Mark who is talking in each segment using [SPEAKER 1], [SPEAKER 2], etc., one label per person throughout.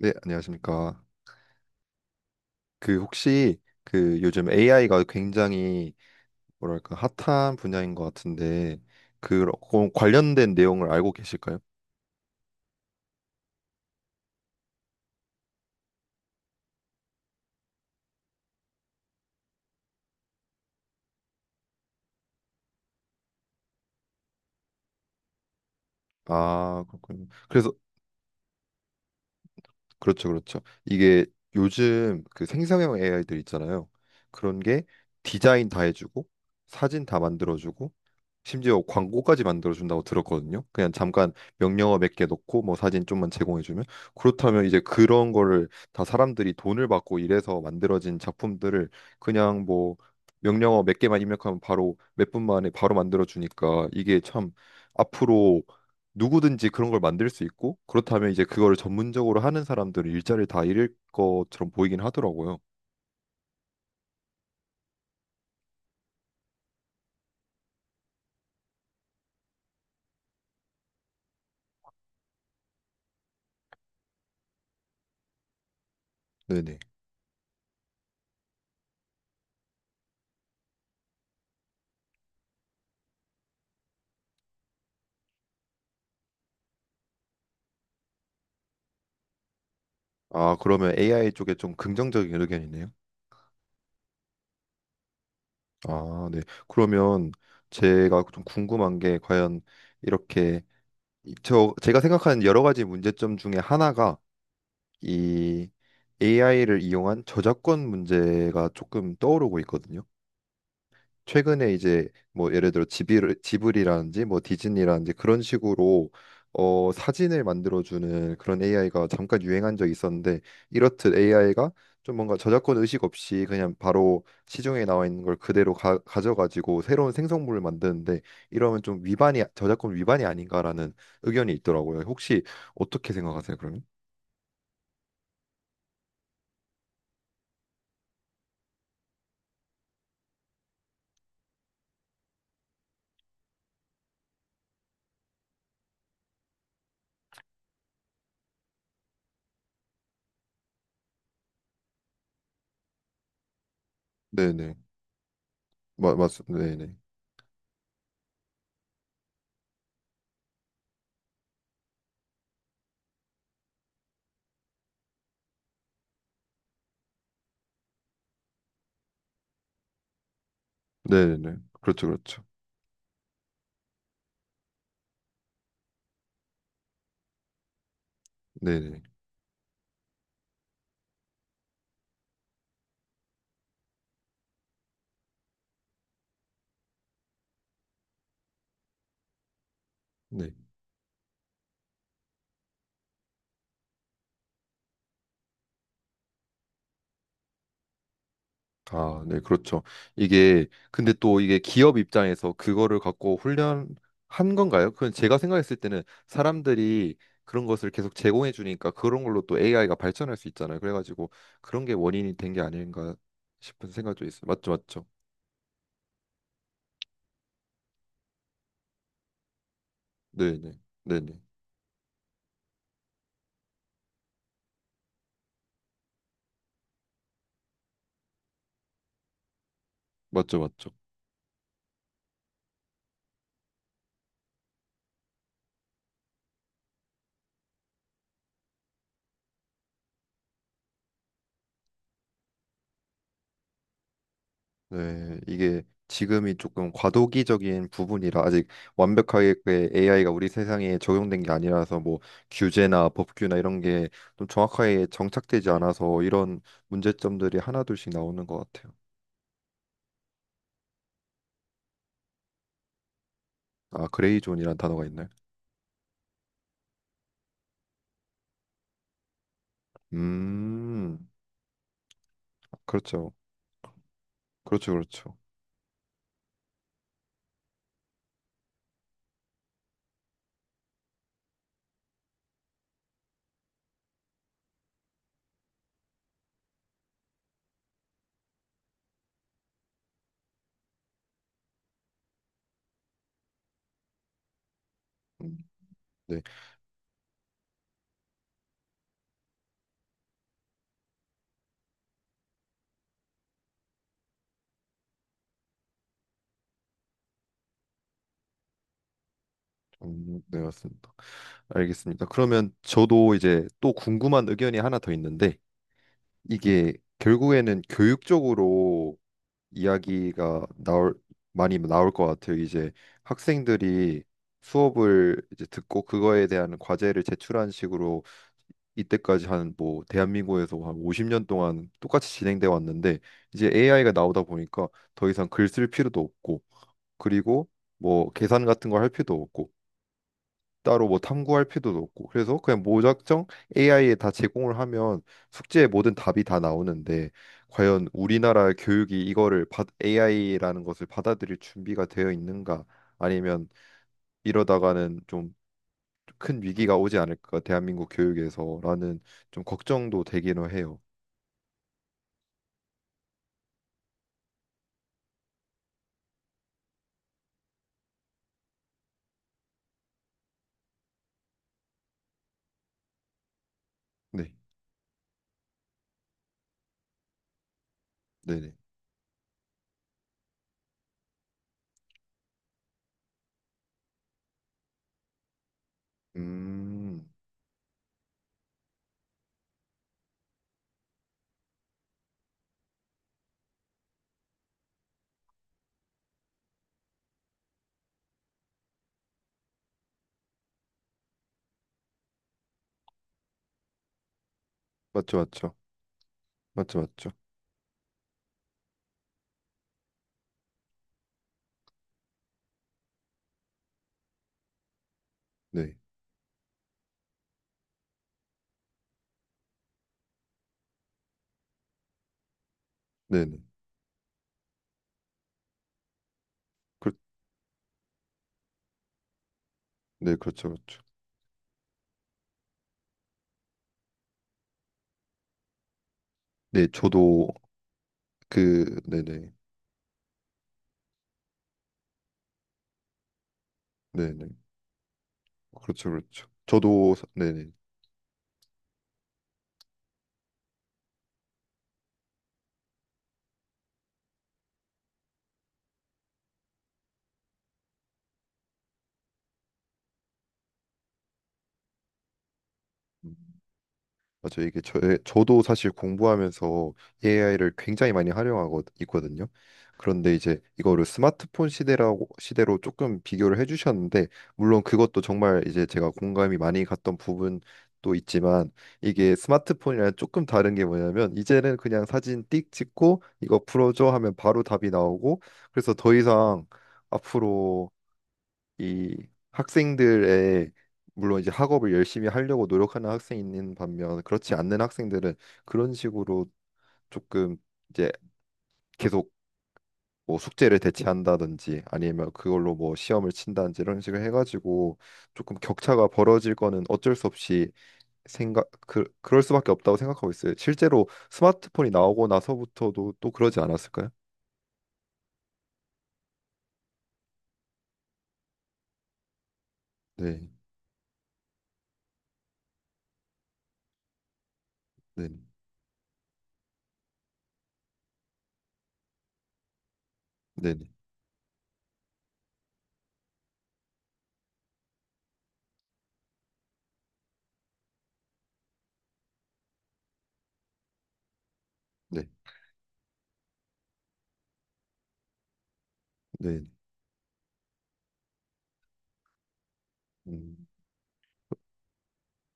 [SPEAKER 1] 네, 안녕하십니까. 그 혹시 그 요즘 AI가 굉장히 뭐랄까 핫한 분야인 것 같은데 그 관련된 내용을 알고 계실까요? 아, 그렇군요. 그래서 그렇죠, 그렇죠. 이게 요즘 그 생성형 AI들 있잖아요. 그런 게 디자인 다 해주고 사진 다 만들어주고 심지어 광고까지 만들어준다고 들었거든요. 그냥 잠깐 명령어 몇 개 넣고 뭐 사진 좀만 제공해주면 그렇다면 이제 그런 거를 다 사람들이 돈을 받고 이래서 만들어진 작품들을 그냥 뭐 명령어 몇 개만 입력하면 바로 몇 분 만에 바로 만들어주니까 이게 참 앞으로 누구든지 그런 걸 만들 수 있고, 그렇다면 이제 그거를 전문적으로 하는 사람들은 일자리를 다 잃을 것처럼 보이긴 하더라고요. 네네. 아, 그러면 AI 쪽에 좀 긍정적인 의견이네요. 아, 네. 그러면 제가 좀 궁금한 게 과연 이렇게 저 제가 생각하는 여러 가지 문제점 중에 하나가 이 AI를 이용한 저작권 문제가 조금 떠오르고 있거든요. 최근에 이제 뭐 예를 들어 지브리라든지 뭐 디즈니라든지 그런 식으로 사진을 만들어주는 그런 AI가 잠깐 유행한 적이 있었는데, 이렇듯 AI가 좀 뭔가 저작권 의식 없이 그냥 바로 시중에 나와 있는 걸 그대로 가져가지고 새로운 생성물을 만드는데, 이러면 좀 위반이, 저작권 위반이 아닌가라는 의견이 있더라고요. 혹시 어떻게 생각하세요, 그러면? 네네. 네네. 네네. 그렇죠, 그렇죠. 네네. 네. 아, 네, 그렇죠. 근데 또 이게 기업 입장에서 그거를 갖고 훈련한 건가요? 그건 제가 생각했을 때는 사람들이 그런 것을 계속 제공해 주니까 그런 걸로 또 AI가 발전할 수 있잖아요. 그래가지고 그런 게 원인이 된 게 아닌가 싶은 생각도 있어요. 맞죠, 맞죠. 네네, 네네. 맞죠, 맞죠. 네, 이게 지금이 조금 과도기적인 부분이라 아직 완벽하게 AI가 우리 세상에 적용된 게 아니라서 뭐 규제나 법규나 이런 게 좀 정확하게 정착되지 않아서 이런 문제점들이 하나둘씩 나오는 것 같아요. 아, 그레이존이라는 단어가 있나요? 음, 그렇죠. 그렇죠, 그렇죠. 음, 네, 네, 맞습니다. 알겠습니다. 그러면 저도 이제 또 궁금한 의견이 하나 더 있는데, 이게 결국에는 교육적으로 이야기가 나올 많이 나올 것 같아요. 이제 학생들이 수업을 이제 듣고 그거에 대한 과제를 제출한 식으로 이때까지 한 뭐 대한민국에서 한 50년 동안 똑같이 진행돼 왔는데, 이제 AI가 나오다 보니까 더 이상 글 쓸 필요도 없고, 그리고 뭐 계산 같은 걸 할 필요도 없고, 따로 뭐 탐구할 필요도 없고, 그래서 그냥 무작정 AI에 다 제공을 하면 숙제의 모든 답이 다 나오는데, 과연 우리나라 교육이 이거를, AI라는 것을 받아들일 준비가 되어 있는가, 아니면 이러다가는 좀 큰 위기가 오지 않을까, 대한민국 교육에서라는 좀 걱정도 되기는 해요. 네, 네네. 음, 맞죠, 맞죠, 맞죠, 맞죠. 네, 네네. 그, 네, 그렇죠, 그렇죠. 네, 저도 네네, 네네. 그렇죠, 그렇죠. 저도 네네. 음, 맞아요. 이게 저도 사실 공부하면서 AI를 굉장히 많이 활용하고 있거든요. 그런데 이제 이거를 스마트폰 시대라고 시대로 조금 비교를 해주셨는데, 물론 그것도 정말 이제 제가 공감이 많이 갔던 부분도 있지만, 이게 스마트폰이랑 조금 다른 게 뭐냐면 이제는 그냥 사진 띡 찍고 이거 풀어줘 하면 바로 답이 나오고. 그래서 더 이상 앞으로 이 학생들의, 물론 이제 학업을 열심히 하려고 노력하는 학생이 있는 반면 그렇지 않는 학생들은 그런 식으로 조금 이제 계속 뭐 숙제를 대체한다든지 아니면 그걸로 뭐 시험을 친다든지 이런 식으로 해가지고 조금 격차가 벌어질 거는 어쩔 수 없이 생각 그럴 수밖에 없다고 생각하고 있어요. 실제로 스마트폰이 나오고 나서부터도 또 그러지 않았을까요? 네, 네, 네, 네, 네, 네. 음.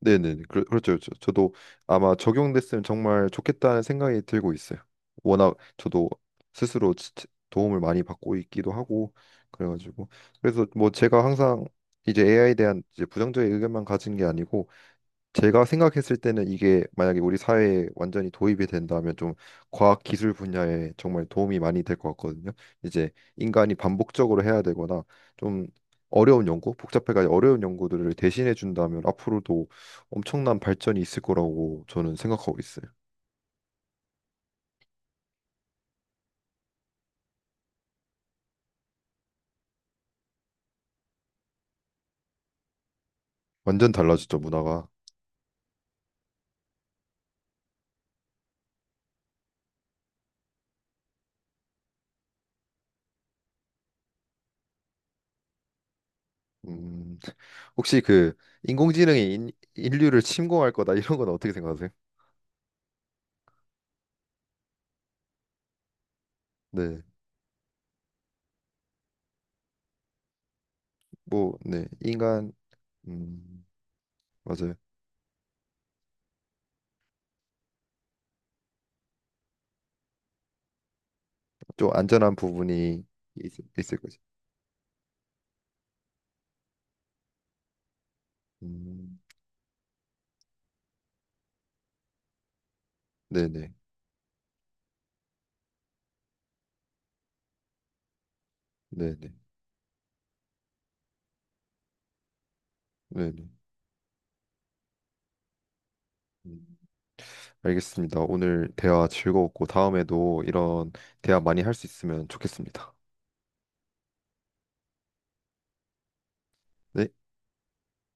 [SPEAKER 1] 네네. 그렇죠, 그렇죠. 저도 아마 적용됐으면 정말 좋겠다는 생각이 들고 있어요. 워낙 저도 스스로 도움을 많이 받고 있기도 하고. 그래가지고 그래서 뭐 제가 항상 이제 AI에 대한 이제 부정적인 의견만 가진 게 아니고, 제가 생각했을 때는 이게 만약에 우리 사회에 완전히 도입이 된다면 좀 과학 기술 분야에 정말 도움이 많이 될 것 같거든요. 이제 인간이 반복적으로 해야 되거나 좀 어려운 연구, 복잡해가지고 어려운 연구들을 대신해 준다면 앞으로도 엄청난 발전이 있을 거라고 저는 생각하고 있어요. 완전 달라졌죠, 문화가. 음, 혹시 그 인공지능이 인류를 침공할 거다 이런 건 어떻게 생각하세요? 네, 뭐, 네, 인간, 음, 맞아요. 좀 안전한 부분이 있, 을 거지. 음, 네네, 네네, 네네. 음, 알겠습니다. 오늘 대화 즐거웠고 다음에도 이런 대화 많이 할 수 있으면 좋겠습니다. 네.